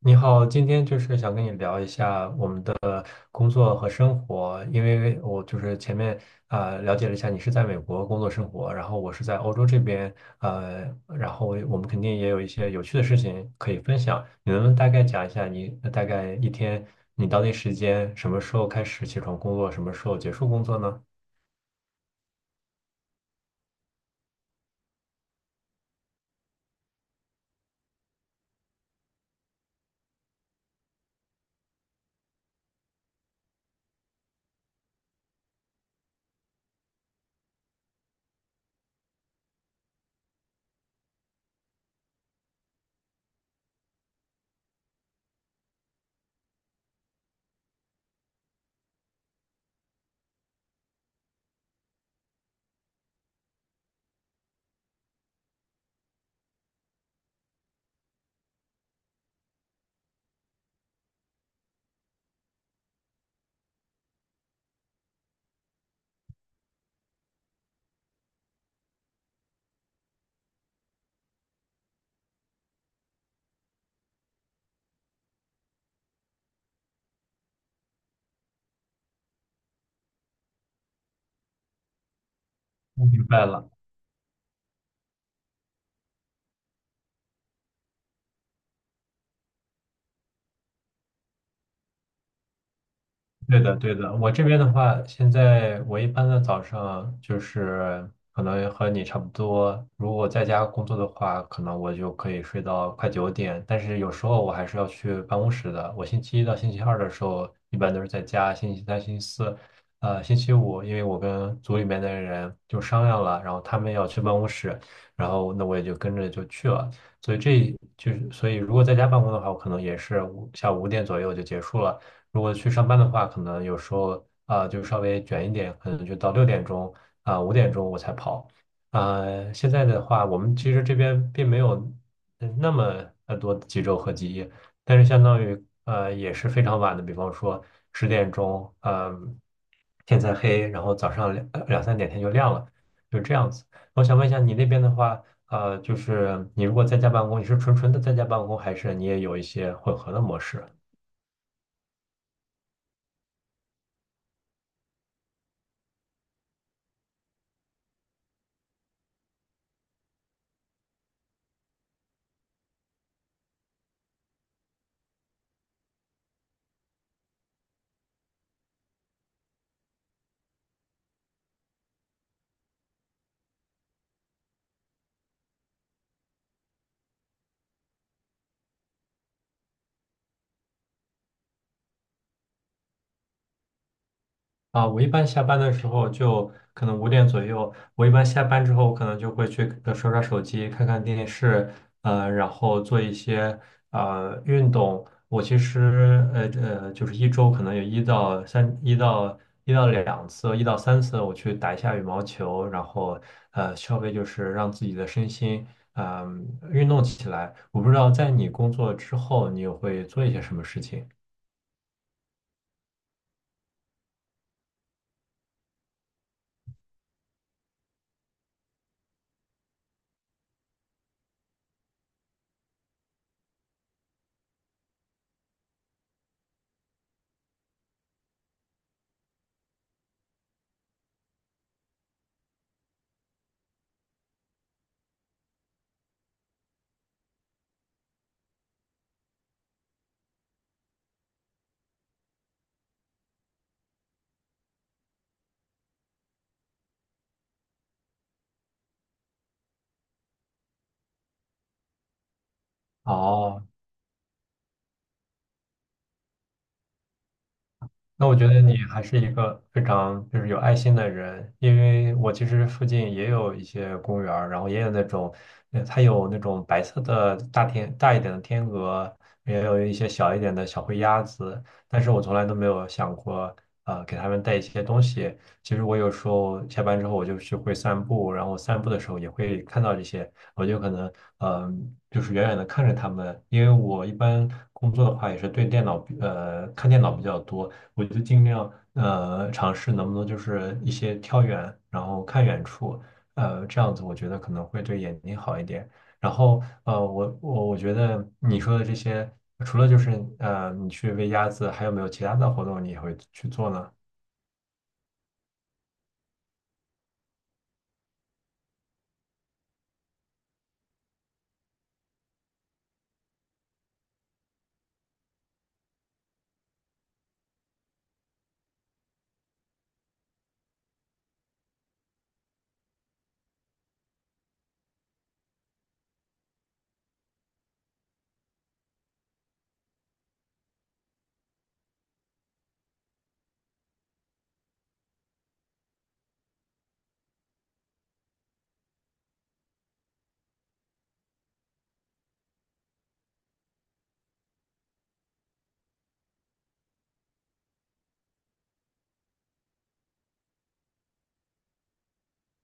你好，今天就是想跟你聊一下我们的工作和生活，因为我就是前面了解了一下你是在美国工作生活，然后我是在欧洲这边，然后我们肯定也有一些有趣的事情可以分享。你能不能大概讲一下你大概一天你当地时间什么时候开始起床工作，什么时候结束工作呢？我明白了。对的，对的。我这边的话，现在我一般的早上就是可能和你差不多。如果在家工作的话，可能我就可以睡到快9点。但是有时候我还是要去办公室的。我星期一到星期二的时候，一般都是在家；星期三、星期四，星期五，因为我跟组里面的人就商量了，然后他们要去办公室，然后那我也就跟着就去了。所以这就是，所以如果在家办公的话，我可能也是下午五点左右就结束了。如果去上班的话，可能有时候就稍微卷一点，可能就到6点钟5点钟我才跑。现在的话，我们其实这边并没有那么多的几周和几夜，但是相当于也是非常晚的，比方说10点钟，天才黑，然后早上2、3点天就亮了，就这样子。我想问一下你那边的话，就是你如果在家办公，你是纯纯的在家办公，还是你也有一些混合的模式？啊，我一般下班的时候就可能五点左右，我一般下班之后，我可能就会去刷刷手机，看看电视，然后做一些运动。我其实就是一周可能有一到三、一到一到两次、1到3次，我去打一下羽毛球，然后，稍微就是让自己的身心运动起来。我不知道在你工作之后，你有会做一些什么事情？哦，那我觉得你还是一个非常就是有爱心的人，因为我其实附近也有一些公园儿然后也有那种，它有那种白色的大一点的天鹅，也有一些小一点的小灰鸭子，但是我从来都没有想过，给它们带一些东西。其实我有时候下班之后我就去会散步，然后散步的时候也会看到这些，我就可能就是远远的看着它们，因为我一般工作的话也是对电脑呃看电脑比较多。我就尽量尝试能不能就是一些跳远，然后看远处，这样子我觉得可能会对眼睛好一点。然后，我觉得你说的这些，除了就是你去喂鸭子，还有没有其他的活动你也会去做呢？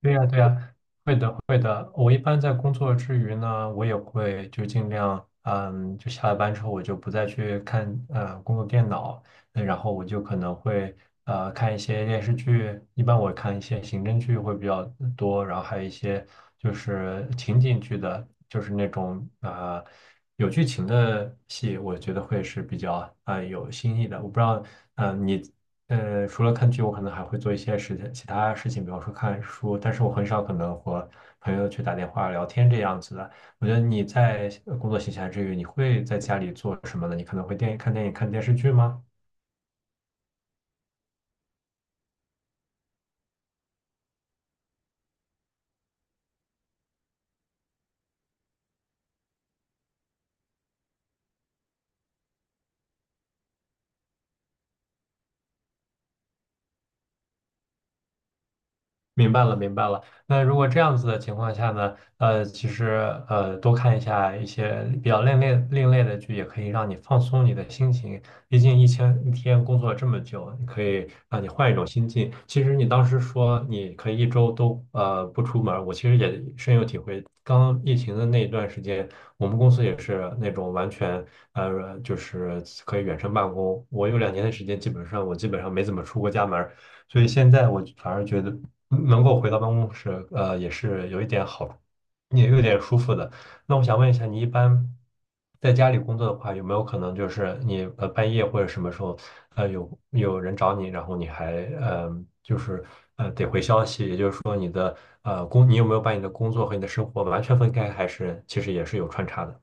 对呀，对呀，会的，会的。我一般在工作之余呢，我也会就尽量，就下了班之后，我就不再去看工作电脑，那然后我就可能会看一些电视剧，一般我看一些刑侦剧会比较多，然后还有一些就是情景剧的，就是那种有剧情的戏，我觉得会是比较有新意的。我不知道，你。除了看剧，我可能还会做一些事情，其他事情，比方说看书，但是我很少可能和朋友去打电话聊天这样子的。我觉得你在工作闲暇之余，你会在家里做什么呢？你可能会看电影、看电视剧吗？明白了，明白了。那如果这样子的情况下呢，其实多看一下一些比较另类另类的剧，也可以让你放松你的心情。毕竟一天一天工作了这么久，你可以让你换一种心境。其实你当时说你可以一周都不出门儿，我其实也深有体会。刚疫情的那一段时间，我们公司也是那种完全就是可以远程办公。我有2年的时间，基本上我基本上没怎么出过家门。所以现在我反而觉得能够回到办公室，也是有一点好，也有点舒服的。那我想问一下，你一般在家里工作的话，有没有可能就是你半夜或者什么时候，有人找你，然后你还呃就是得回消息，也就是说你的你有没有把你的工作和你的生活完全分开，还是其实也是有穿插的？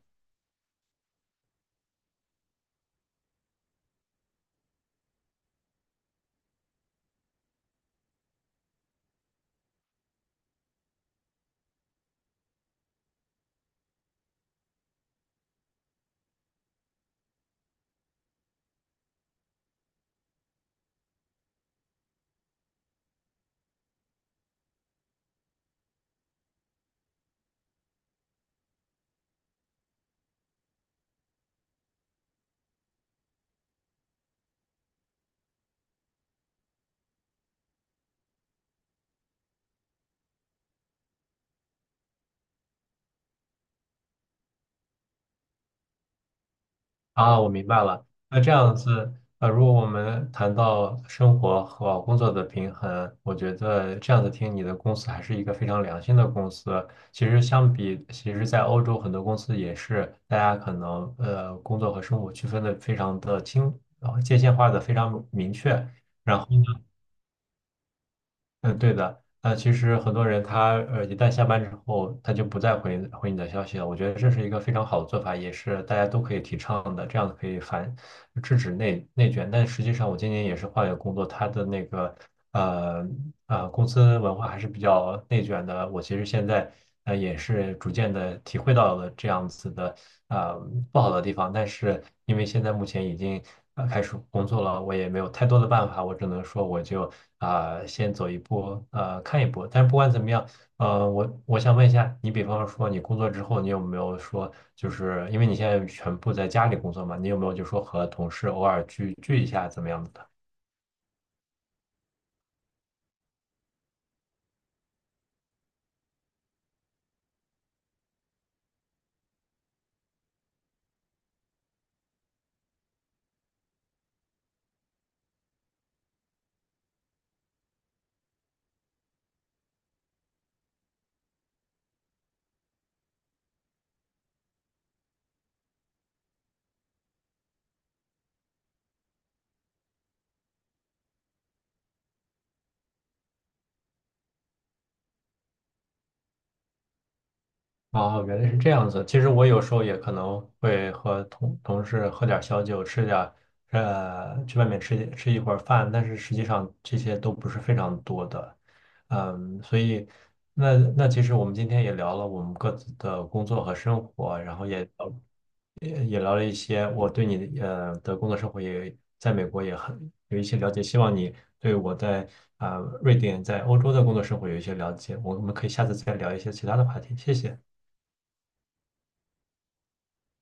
啊，我明白了。那这样子，如果我们谈到生活和工作的平衡，我觉得这样子听你的公司还是一个非常良心的公司。其实相比，其实在欧洲很多公司也是，大家可能工作和生活区分的非常的清，界限化的非常明确。嗯，对的。那其实很多人他一旦下班之后，他就不再回你的消息了。我觉得这是一个非常好的做法，也是大家都可以提倡的，这样可以反制止内卷，但实际上我今年也是换了工作，他的那个呃公司文化还是比较内卷的。我其实现在也是逐渐的体会到了这样子的呃不好的地方，但是因为现在目前已经开始工作了，我也没有太多的办法，我只能说我就先走一步看一步。但是不管怎么样。我想问一下，你比方说你工作之后，你有没有说，就是因为你现在全部在家里工作嘛，你有没有就说和同事偶尔聚聚一下怎么样子的？哦，原来是这样子。其实我有时候也可能会和同事喝点小酒，吃点去外面吃一会儿饭，但是实际上这些都不是非常多的。嗯，所以那其实我们今天也聊了我们各自的工作和生活，然后也聊了一些我对你的工作生活也在美国也很有一些了解，希望你对我在瑞典在欧洲的工作生活有一些了解，我们可以下次再聊一些其他的话题，谢谢。